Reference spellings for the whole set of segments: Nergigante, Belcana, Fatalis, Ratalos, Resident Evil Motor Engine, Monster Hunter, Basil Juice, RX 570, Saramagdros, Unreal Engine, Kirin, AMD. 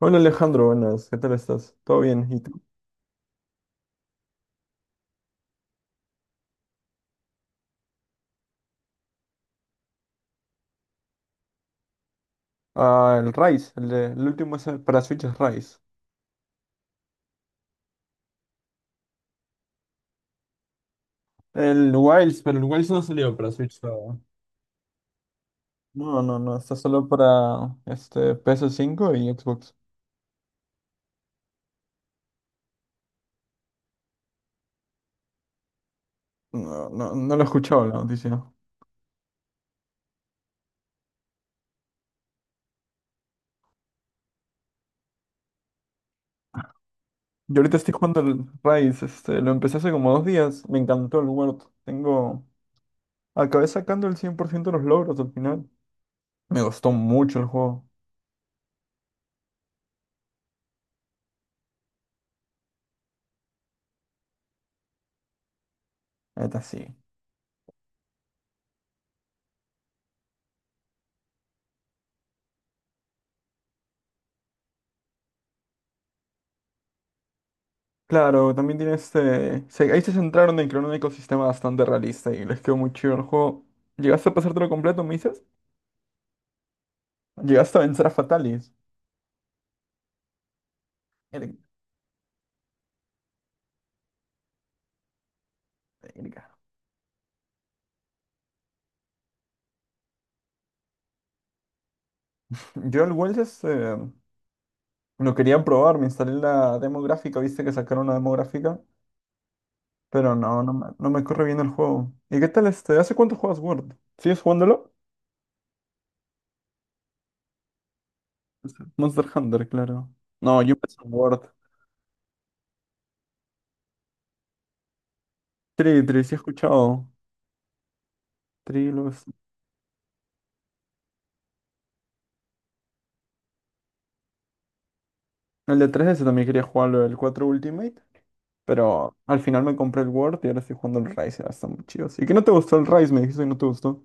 Hola Alejandro, buenas, ¿qué tal estás? ¿Todo bien? ¿Y tú? Ah, el Rise, el último es para Switch es Rise. El Wilds, pero el Wilds no salió para Switch todavía. No, está solo para este PS5 y Xbox. No, no lo he escuchado la noticia. Yo ahorita estoy jugando el Rise, este, lo empecé hace como 2 días. Me encantó el World. Acabé sacando el 100% de los logros al final. Me gustó mucho el juego, neta sí. Claro, también tiene este, ahí se centraron en crear un ecosistema bastante realista y les quedó muy chido el juego. ¿Llegaste a pasártelo completo, me dices? ¿Llegaste a vencer a Fatalis? Erga, erga. Yo el Wells, este, lo quería probar. Me instalé la demográfica, viste que sacaron la demográfica, pero no, no me corre bien el juego. ¿Y qué tal este? ¿Hace cuánto juegas Word? ¿Sigues jugándolo? Este, Monster Hunter, claro. No, yo empecé en Word. Tri, Tri, sí he escuchado. Tri, el de 3DS también quería jugarlo, el 4 Ultimate. Pero al final me compré el Word y ahora estoy jugando el Rise, ahora está muy chido. ¿Y que no te gustó el Rise? Me dijiste que no te gustó.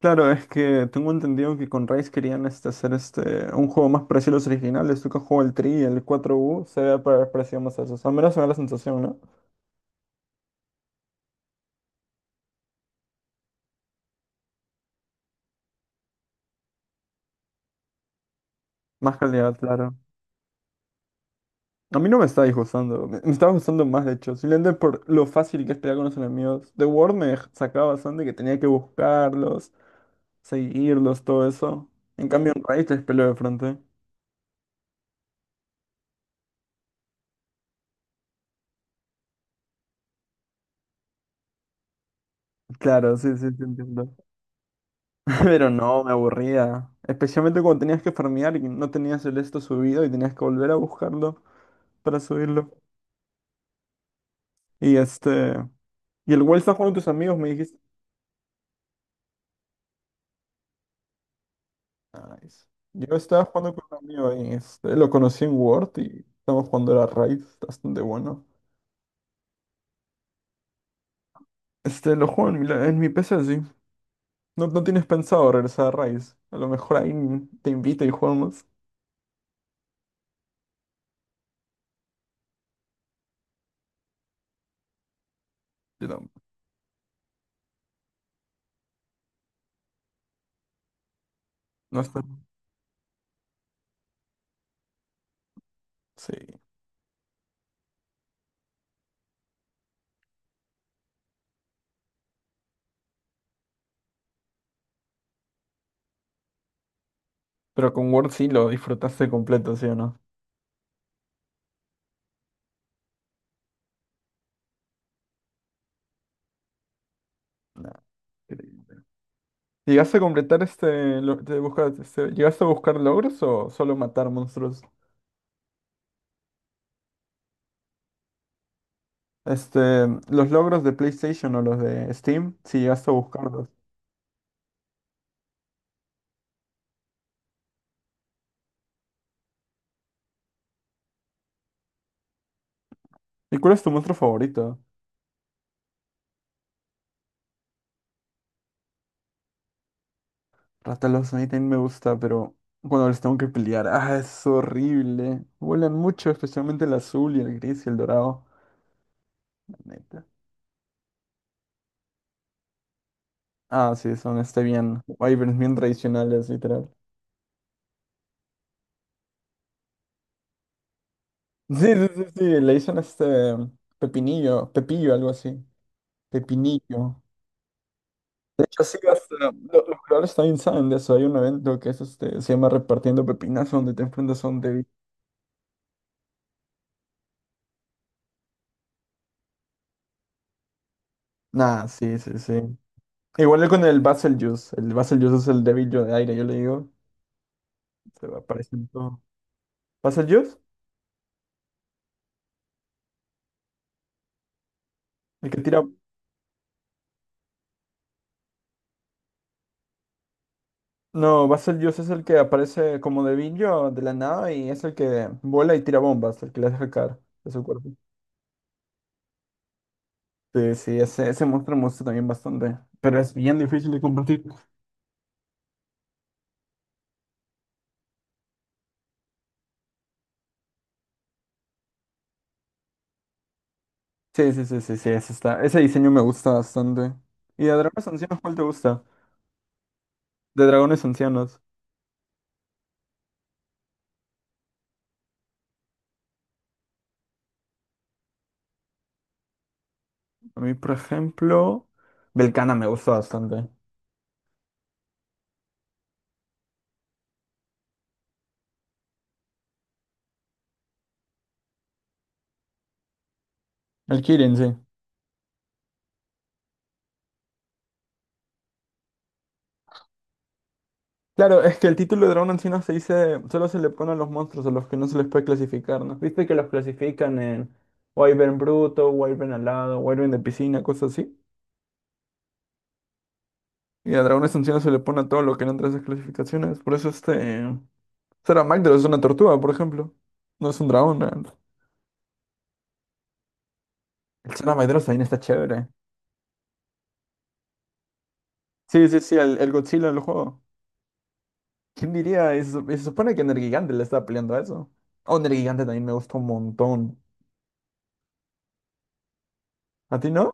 Claro, es que tengo entendido que con Rise querían este, hacer este, un juego más parecido a los originales. Tú que has jugado el 3 y el 4U, se ve pa- parecido más a esos. Al menos me da la sensación, ¿no? Más calidad, claro. A mí no me está disgustando, me estaba gustando más de hecho. Simplemente por lo fácil que es pelear con los enemigos. The Word me sacaba bastante que tenía que buscarlos, seguirlos, todo eso. En cambio, en Rise te peleo de frente. Claro, sí, sí, te entiendo. Pero no, me aburría. Especialmente cuando tenías que farmear y no tenías el esto subido y tenías que volver a buscarlo para subirlo. Y este. Y el World estaba jugando con tus amigos, me dijiste. Nice. Yo estaba jugando con un amigo ahí. Este, lo conocí en Word y estamos jugando a Raid. Está bastante bueno. Este, lo juego en mi, en mi PC, sí. No, no tienes pensado regresar a Raid. A lo mejor ahí te invito y jugamos. Yo no, no está. Sí. Pero con Word sí lo disfrutaste completo, ¿sí o no? Nah, ¿llegaste a completar este, este, ¿llegaste a buscar logros o solo matar monstruos? Este, los logros de PlayStation o los de Steam, si llegaste a buscarlos. ¿Y cuál es tu monstruo favorito? Rátalos, a mí también me gusta, pero cuando les tengo que pelear, ah, es horrible. Vuelan mucho, especialmente el azul y el gris y el dorado. La neta. Ah, sí, son este bien, wyverns bien tradicionales, literal. Sí, le dicen este pepinillo, pepillo, algo así. Pepinillo. De hecho, sí, los creadores también saben de eso. Hay un evento que es este, se llama Repartiendo Pepinas, donde te enfrentas a un débil. Nah, sí, sí, sí. Igual con el Basil Juice. El Basil Juice es el débil yo de aire, yo le digo. Se va apareciendo todo. ¿Basil Juice? El que tira. No, Basil Juice es el que aparece como debillo de la nada y es el que vuela y tira bombas, el que le hace caer de su cuerpo. Sí, sí, ese monstruo me gusta también bastante. Pero es bien difícil de combatir. Sí, ese está. Ese diseño me gusta bastante. ¿Y de dragones ancianos cuál te gusta? De dragones ancianos. A mí, por ejemplo, Belcana me gusta bastante. El Kirin, sí. Claro, es que el título de dragón anciano se dice, solo se le pone a los monstruos a los que no se les puede clasificar, ¿no? Viste que los clasifican en Wyvern bruto, Wyvern alado, Wyvern de piscina, cosas así. Y a dragones ancianos se le pone a todo lo que no entra a esas clasificaciones. Por eso este, Saramagdros es una tortuga, por ejemplo. No es un dragón, ¿no? El Saramagdros también está chévere. Sí, sí, sí, el Godzilla del juego. ¿Quién diría? Y se supone que Nergigante le está peleando a eso. Oh, Nergigante también me gustó un montón. ¿A ti no?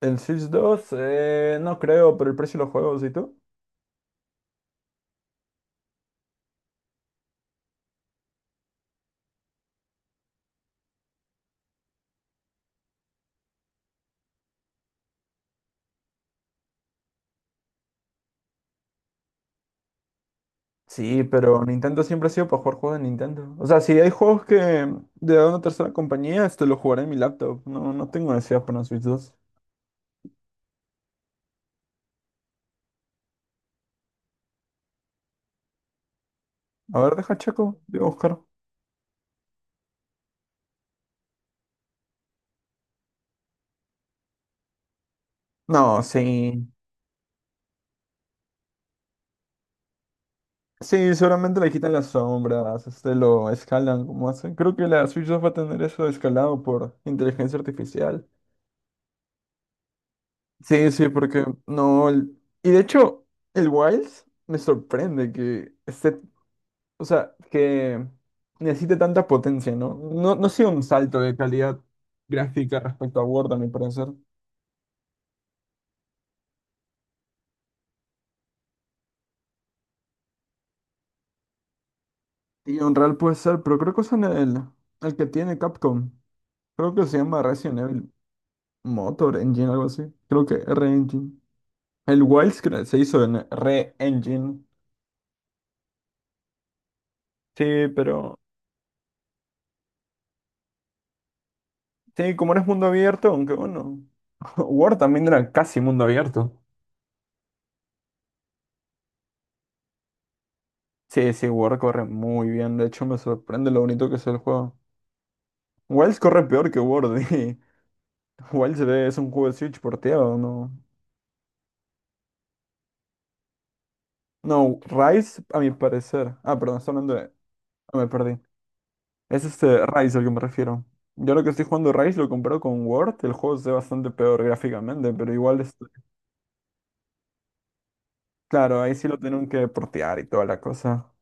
¿El Sims dos? No creo, pero el precio de los juegos, ¿y tú? Sí, pero Nintendo siempre ha sido para jugar juegos de Nintendo. O sea, si hay juegos que de una tercera compañía, este lo jugaré en mi laptop. No, no tengo necesidad para una Switch dos. A ver, deja Chaco, digo, Oscar. No, sí. Sí, seguramente le quitan las sombras, este lo escalan como hacen. Creo que la Switch 2 va a tener eso escalado por inteligencia artificial. Sí, sí, porque no. Y de hecho, el Wilds me sorprende que esté, o sea, que necesite tanta potencia, ¿no? No, no ha sido un salto de calidad gráfica respecto a Word, a mi parecer. Y Unreal puede ser, pero creo que usan el que tiene Capcom. Creo que se llama Resident Evil Motor Engine, algo así. Creo que R-Engine. El Wilds se hizo en Re-Engine. Sí, pero. Sí, como no es mundo abierto, aunque bueno. War también era casi mundo abierto. Sí, sí, War corre muy bien. De hecho, me sorprende lo bonito que es el juego. Wilds corre peor que War, y Wilds es un juego de Switch porteado, ¿no? No, Rise, a mi parecer. Ah, perdón, estoy hablando de. Ah, me perdí. Es este Rise al que me refiero. Yo lo que estoy jugando Rise lo comparo con Word. El juego se ve bastante peor gráficamente, pero igual es. Claro, ahí sí lo tienen que portear y toda la cosa.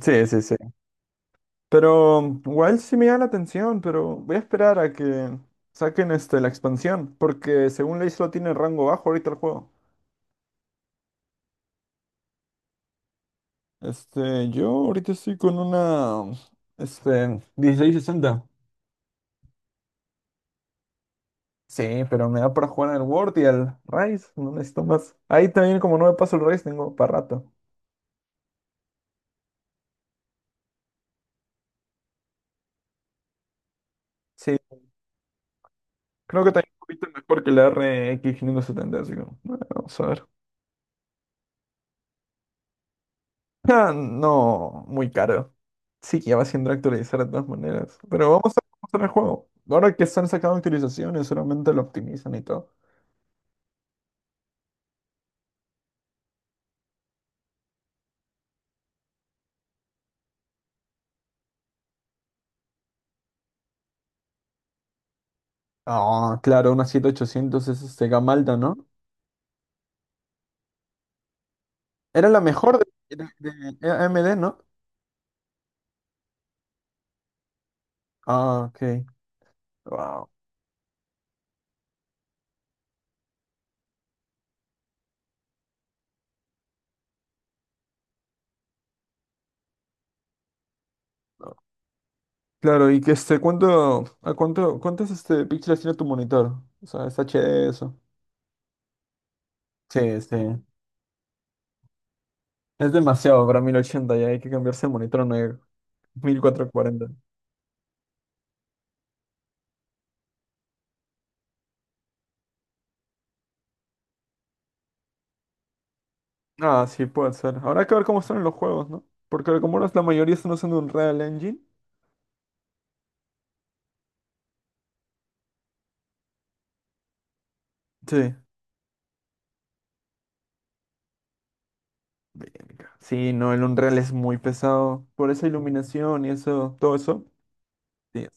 Sí, sí, sí. Pero igual sí me llama la atención, pero voy a esperar a que saquen este, la expansión, porque según ley solo tiene rango bajo ahorita el juego. Este, yo ahorita estoy con una, este, 1660. Sí, pero me da para jugar al World y al Rise, no necesito más. Ahí también como no me paso el Rise tengo para rato. Sí, creo que también un poquito mejor que la RX 570, así que bueno, vamos a ver. Ah, no, muy caro. Sí, que ya va siendo actualizar de todas maneras. Pero vamos a hacer el juego. Ahora que están sacando actualizaciones, solamente lo optimizan y todo. Ah, claro, una 7800 es este Gamalda, ¿no? Era la mejor de AMD, ¿no? Ah, ok. Wow. Claro, y que este, ¿cuántos este, píxeles tiene tu monitor? O sea, es HD eso. Sí, sí. Es demasiado para 1080, ya hay que cambiarse el monitor a una 1440. Ah, sí, puede ser. Habrá que ver cómo están en los juegos, ¿no? Porque como ahora la mayoría están usando Unreal Engine. Sí. Verga. Sí, no, el Unreal es muy pesado. Por esa iluminación y eso, todo eso. Sí.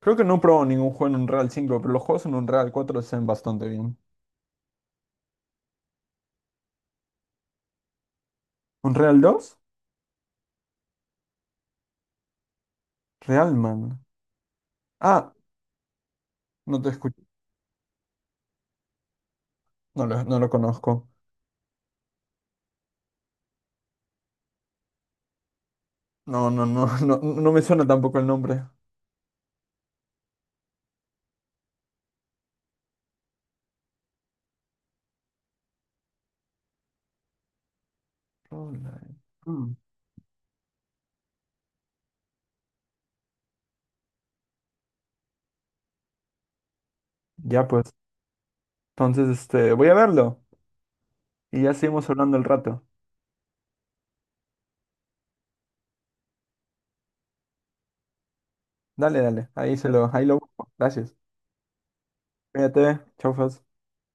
Creo que no he probado ningún juego en Unreal 5, pero los juegos en Unreal 4 se ven bastante bien. ¿Unreal 2? Real Man. Ah, no te escucho. No lo conozco. No, no, no, no, no me suena tampoco el nombre. Roland. Mm. Ya pues. Entonces, este, voy a verlo. Y ya seguimos hablando el rato. Dale, dale, ahí lo busco. Gracias. Cuídate, chau, Fas.